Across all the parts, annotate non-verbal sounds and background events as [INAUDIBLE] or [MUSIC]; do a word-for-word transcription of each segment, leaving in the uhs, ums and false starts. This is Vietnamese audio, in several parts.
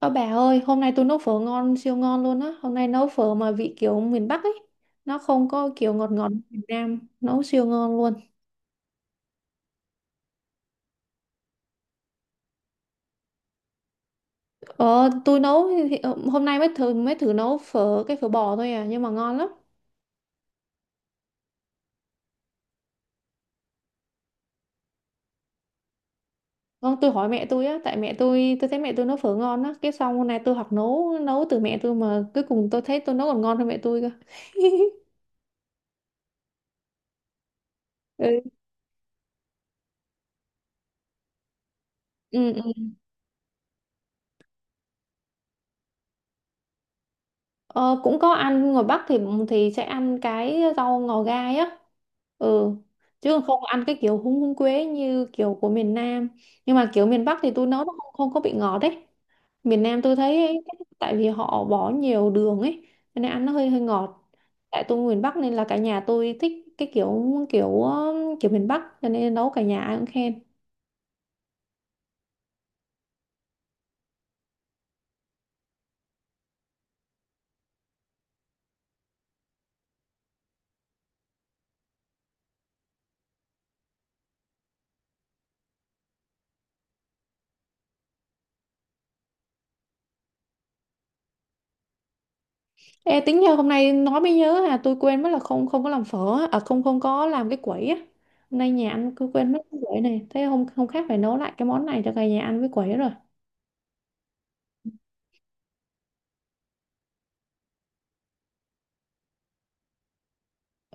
Ơ bà ơi, hôm nay tôi nấu phở ngon, siêu ngon luôn á. Hôm nay nấu phở mà vị kiểu miền Bắc ấy. Nó không có kiểu ngọt ngọt như miền Nam. Nấu siêu ngon luôn. Ờ, tôi nấu, thì- ờ, hôm nay mới thử, mới thử nấu phở, cái phở bò thôi à. Nhưng mà ngon lắm. Không, tôi hỏi mẹ tôi á, tại mẹ tôi, tôi thấy mẹ tôi nấu phở ngon á. Cái xong hôm nay tôi học nấu, nấu từ mẹ tôi mà cuối cùng tôi thấy tôi nấu còn ngon hơn mẹ tôi cơ. [LAUGHS] Ừ. Ừ. Ờ, cũng có ăn ngoài Bắc thì thì sẽ ăn cái rau ngò gai á. Ừ, chứ không ăn cái kiểu húng húng quế như kiểu của miền Nam. Nhưng mà kiểu miền Bắc thì tôi nấu nó không, không có bị ngọt đấy. Miền Nam tôi thấy ấy, tại vì họ bỏ nhiều đường ấy, cho nên ăn nó hơi hơi ngọt. Tại tôi miền Bắc nên là cả nhà tôi thích cái kiểu kiểu kiểu miền Bắc, cho nên nấu cả nhà ai cũng khen. Ê, tính nhờ hôm nay nói mới nhớ à, tôi quên mất là không không có làm phở á, à không không có làm cái quẩy á. Hôm nay nhà ăn cứ quên mất cái quẩy này, thế hôm không khác phải nấu lại cái món này cho cả nhà ăn với quẩy rồi.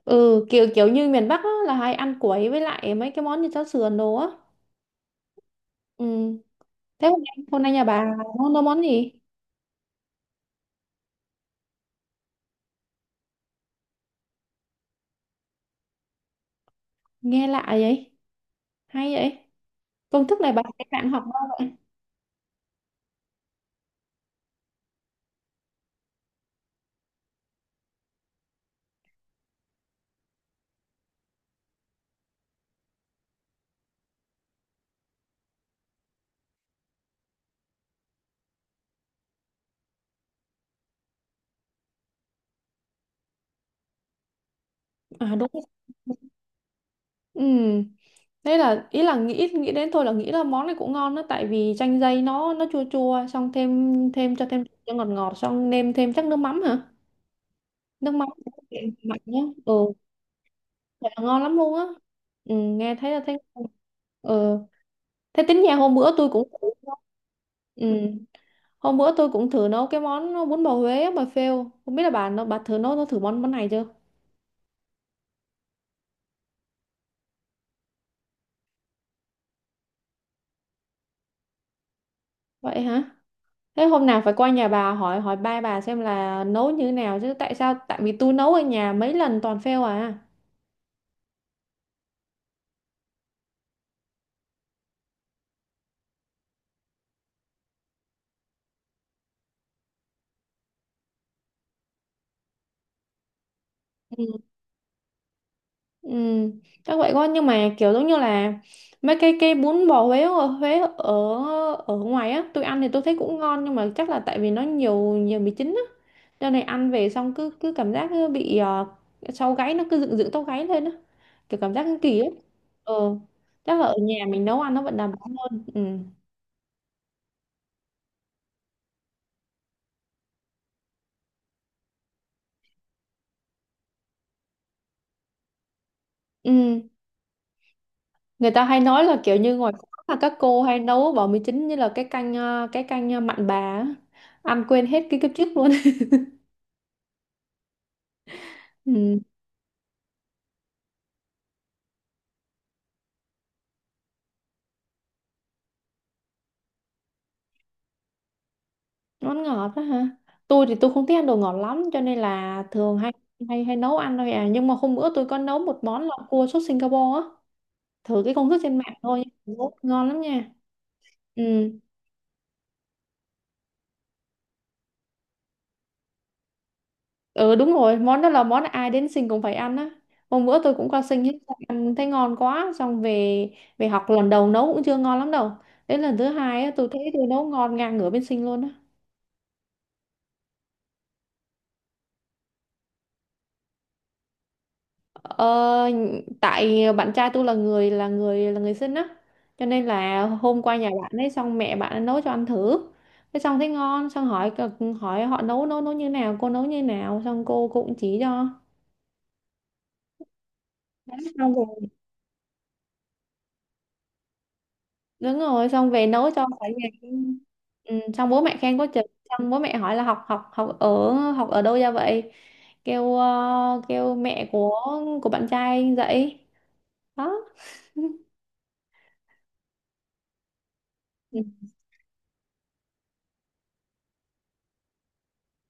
Ừ, kiểu kiểu như miền Bắc á, là hay ăn quẩy với lại mấy cái món như cháo sườn đồ á. Ừ, thế hôm nay hôm nay nhà bà nấu, nấu món gì? Nghe lạ vậy, hay vậy, công thức này bà các bạn học đâu vậy? À, đúng. Ừ. Đấy là ý là nghĩ nghĩ đến thôi là nghĩ là món này cũng ngon đó, tại vì chanh dây nó nó chua chua, xong thêm thêm cho thêm cho ngọt ngọt, xong nêm thêm chắc nước mắm hả? Nước mắm mặn nhá. Ừ, thật là ngon lắm luôn á. Ừ, nghe thấy là thấy. Ừ. Thế tính nhà hôm bữa tôi cũng thử. Ừ. Hôm bữa tôi cũng thử nấu cái món bún bò Huế á, bà phêu. Không biết là bà nó bà thử nấu nó thử món món này chưa? Vậy hả? Thế hôm nào phải qua nhà bà hỏi hỏi ba bà xem là nấu như thế nào chứ, tại sao tại vì tôi nấu ở nhà mấy lần toàn fail à. Ừ. Ừ, chắc vậy quá, nhưng mà kiểu giống như là mấy cái cái bún bò Huế ở Huế ở ở ngoài á, tôi ăn thì tôi thấy cũng ngon, nhưng mà chắc là tại vì nó nhiều nhiều mì chính á, cho nên ăn về xong cứ cứ cảm giác cứ bị, ờ, sau gáy nó cứ dựng dựng tóc gáy lên á, kiểu cảm giác cứ kỳ ấy. Ờ, chắc là ở nhà mình nấu ăn nó vẫn đảm bảo hơn. Ừ. Ừ. Người ta hay nói là kiểu như ngoài phố là các cô hay nấu bò mì chính như là cái canh ờ, cái canh, ờ, mặn bà á, ăn quên hết cái kiếp trước luôn. [LAUGHS] Ừ, món ngọt đó hả? Tôi thì tôi không thích ăn đồ ngọt lắm, cho nên là thường hay hay hay nấu ăn thôi à, nhưng mà hôm bữa tôi có nấu một món là cua sốt Singapore á, thử cái công thức trên mạng thôi, nhưng mà rất ngon lắm nha. Ừ. Ừ, đúng rồi, món đó là món ai đến sinh cũng phải ăn á. Hôm bữa tôi cũng qua sinh ấy, ăn thấy ngon quá, xong về về học lần đầu nấu cũng chưa ngon lắm đâu. Đến lần thứ hai á, tôi thấy tôi nấu ngon ngang ngửa bên sinh luôn á. Ờ, tại bạn trai tôi là người là người là người sinh á, cho nên là hôm qua nhà bạn ấy xong mẹ bạn ấy nấu cho ăn thử. Thế xong thấy ngon, xong hỏi hỏi họ nấu nấu nấu như nào, cô nấu như nào, xong cô cũng chỉ cho. Xong rồi, đúng rồi, xong về nấu cho cả nhà ăn. Ừ, xong bố mẹ khen có chừng, xong bố mẹ hỏi là học học học ở học ở đâu ra vậy, kêu, ờ, kêu mẹ của của bạn trai dạy đó. Ừ.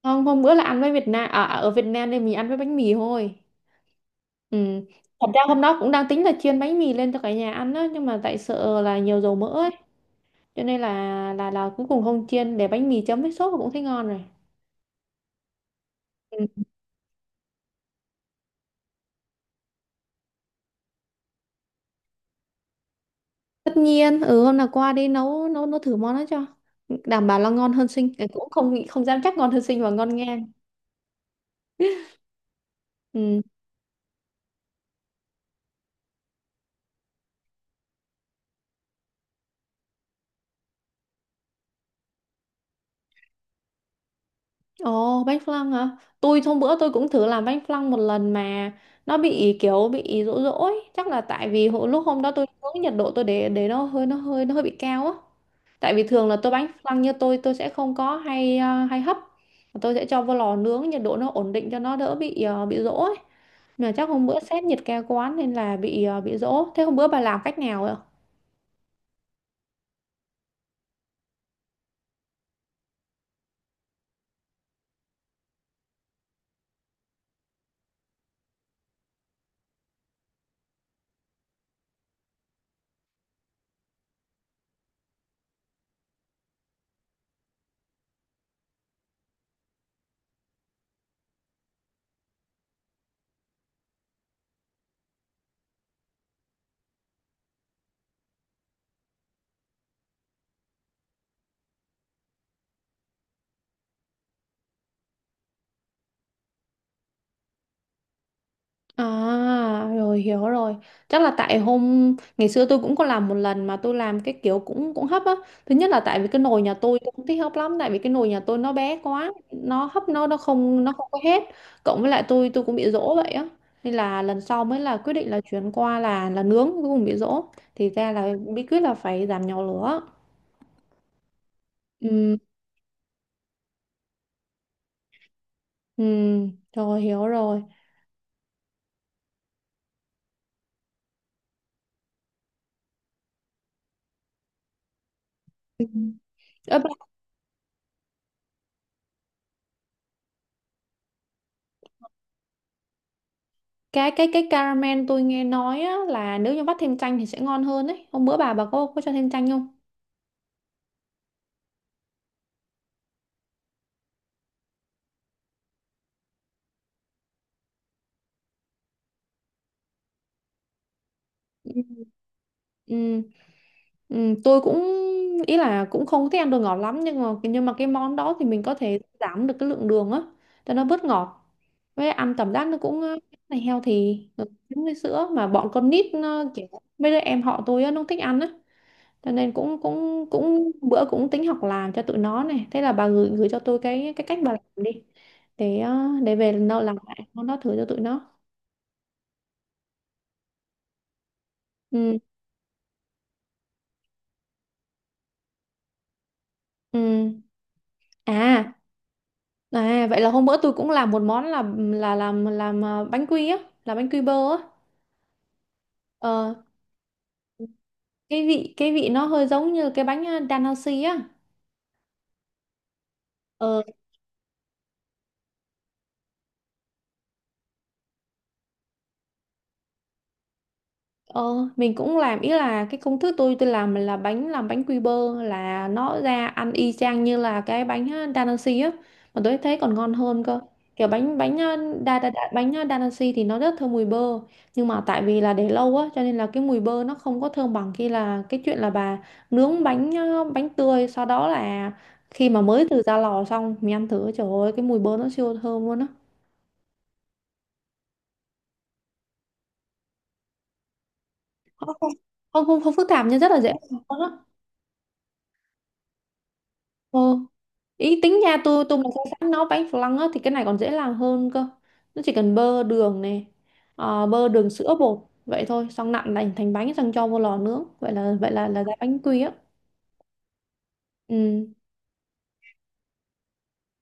Không, hôm bữa là ăn với Việt Nam à, à, ở Việt Nam nên mình ăn với bánh mì thôi. Ừ, thật ra hôm đó cũng đang tính là chiên bánh mì lên cho cả nhà ăn đó, nhưng mà tại sợ là nhiều dầu mỡ ấy, cho nên là là là cuối cùng không chiên, để bánh mì chấm với sốt cũng thấy ngon rồi. Ừ. Tất nhiên, ừ, hôm nào qua đi nấu nấu nấu thử món đó cho. Đảm bảo là ngon hơn Sinh. Cái cũng không nghĩ không dám chắc ngon hơn Sinh và ngon ngang. Ừ. Ồ, bánh flan hả? Tôi hôm bữa tôi cũng thử làm bánh flan một lần, mà nó bị kiểu bị rỗ rỗ ấy, chắc là tại vì hồi, lúc hôm đó tôi nướng nhiệt độ tôi để để nó hơi nó hơi nó hơi bị cao á. Tại vì thường là tôi bánh flan như tôi tôi sẽ không có hay, à, hay hấp. Tôi sẽ cho vô lò nướng nhiệt độ nó ổn định cho nó đỡ bị, à, bị rỗ ấy. Mà chắc hôm bữa sếp nhiệt ca quán nên là bị, ờ, bị dỗ. Thế hôm bữa bà làm cách nào rồi? À, rồi hiểu rồi. Chắc là tại hôm ngày xưa tôi cũng có làm một lần, mà tôi làm cái kiểu cũng cũng hấp á. Thứ nhất là tại vì cái nồi nhà tôi tôi không thích hấp lắm, tại vì cái nồi nhà tôi nó bé quá, nó hấp nó nó không nó không có hết. Cộng với lại tôi tôi cũng bị dỗ vậy á. Nên là lần sau mới là quyết định là chuyển qua là là nướng, cuối cùng bị dỗ. Thì ra là bí quyết là phải giảm nhỏ lửa. Ừ. Ừ, rồi hiểu rồi. Ừ. Ơ, cái cái cái caramel tôi nghe nói á, là nếu như vắt thêm chanh thì sẽ ngon hơn đấy, hôm bữa bà bà có có cho thêm chanh không? Ừ. Ừ, ừ, tôi cũng ý là cũng không thích ăn đồ ngọt lắm, nhưng mà nhưng mà cái món đó thì mình có thể giảm được cái lượng đường á, cho nó bớt ngọt, với ăn cảm giác nó cũng, ờ, này healthy, thì giống với sữa mà bọn con nít nó, kiểu mấy đứa em họ tôi á, nó không thích ăn á, cho nên cũng cũng cũng bữa cũng tính học làm cho tụi nó này, thế là bà gửi gửi cho tôi cái cái cách bà làm đi, để, ờ, để về nấu làm lại món đó thử cho tụi nó. Ừ, ừ, à à vậy là hôm bữa tôi cũng làm một món là là làm làm, ờ, bánh quy á, làm bánh quy bơ á. Ờ, cái vị cái vị nó hơi giống như cái bánh, ờ, đan hao xi á. Ờ, Ờ, mình cũng làm, ý là cái công thức tôi tôi làm là bánh làm bánh quy bơ, là nó ra ăn y chang như là cái bánh, ờ, Da Vinci á, mà tôi thấy còn ngon hơn cơ. Kiểu bánh bánh, ờ, đa, đa, đa, bánh, ờ, Da Vinci thì nó rất thơm mùi bơ, nhưng mà tại vì là để lâu á, cho nên là cái mùi bơ nó không có thơm bằng khi là cái chuyện là bà nướng bánh, ờ, bánh tươi, sau đó là khi mà mới từ ra lò xong mình ăn thử, trời ơi cái mùi bơ nó siêu thơm luôn á. Không, không, không, không phức tạp, nhưng rất là dễ làm luôn á. Ờ. Ý tính nhà tôi tôi mà xây sẵn nấu bánh flan á thì cái này còn dễ làm hơn cơ, nó chỉ cần bơ đường này, ờ, bơ đường sữa bột, vậy thôi, xong nặn thành thành bánh, xong cho vô lò nướng, vậy là vậy là là ra bánh quy á. Ừ,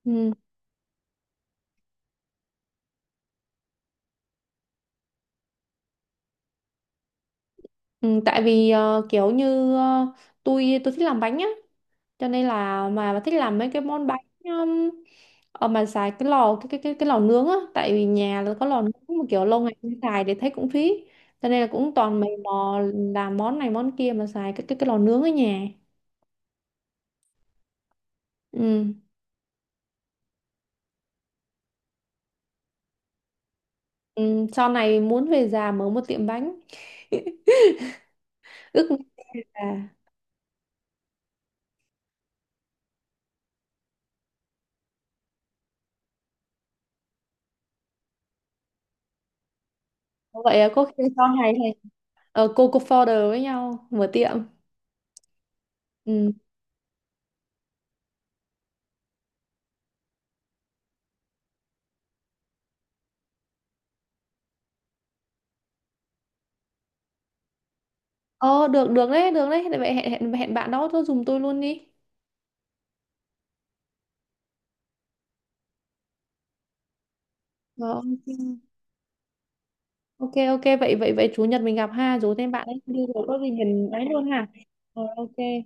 ừ, ừ, tại vì, ờ, kiểu như, ờ, tôi tôi thích làm bánh á, cho nên là mà thích làm mấy cái món bánh. Ờ, mà xài cái lò cái cái cái cái lò nướng á, tại vì nhà là có lò nướng mà kiểu lâu ngày không xài để thấy cũng phí, cho nên là cũng toàn mày mò làm món này món kia mà xài cái cái cái lò nướng ở nhà. Ừ. ừ. Sau này muốn về già mở một tiệm bánh. [LAUGHS] Ước mơ về già. Vậy à, có khi sau này thì, ờ, cô cô founder với nhau mở tiệm. Ừ. ờ được được đấy, được đấy, vậy hẹn, hẹn hẹn bạn đó tôi dùng tôi luôn đi. Ờ, ok. Ok, ok, vậy vậy vậy chủ nhật mình gặp ha, rủ thêm bạn ấy đi rồi có gì mình ấy luôn ha. Rồi ok.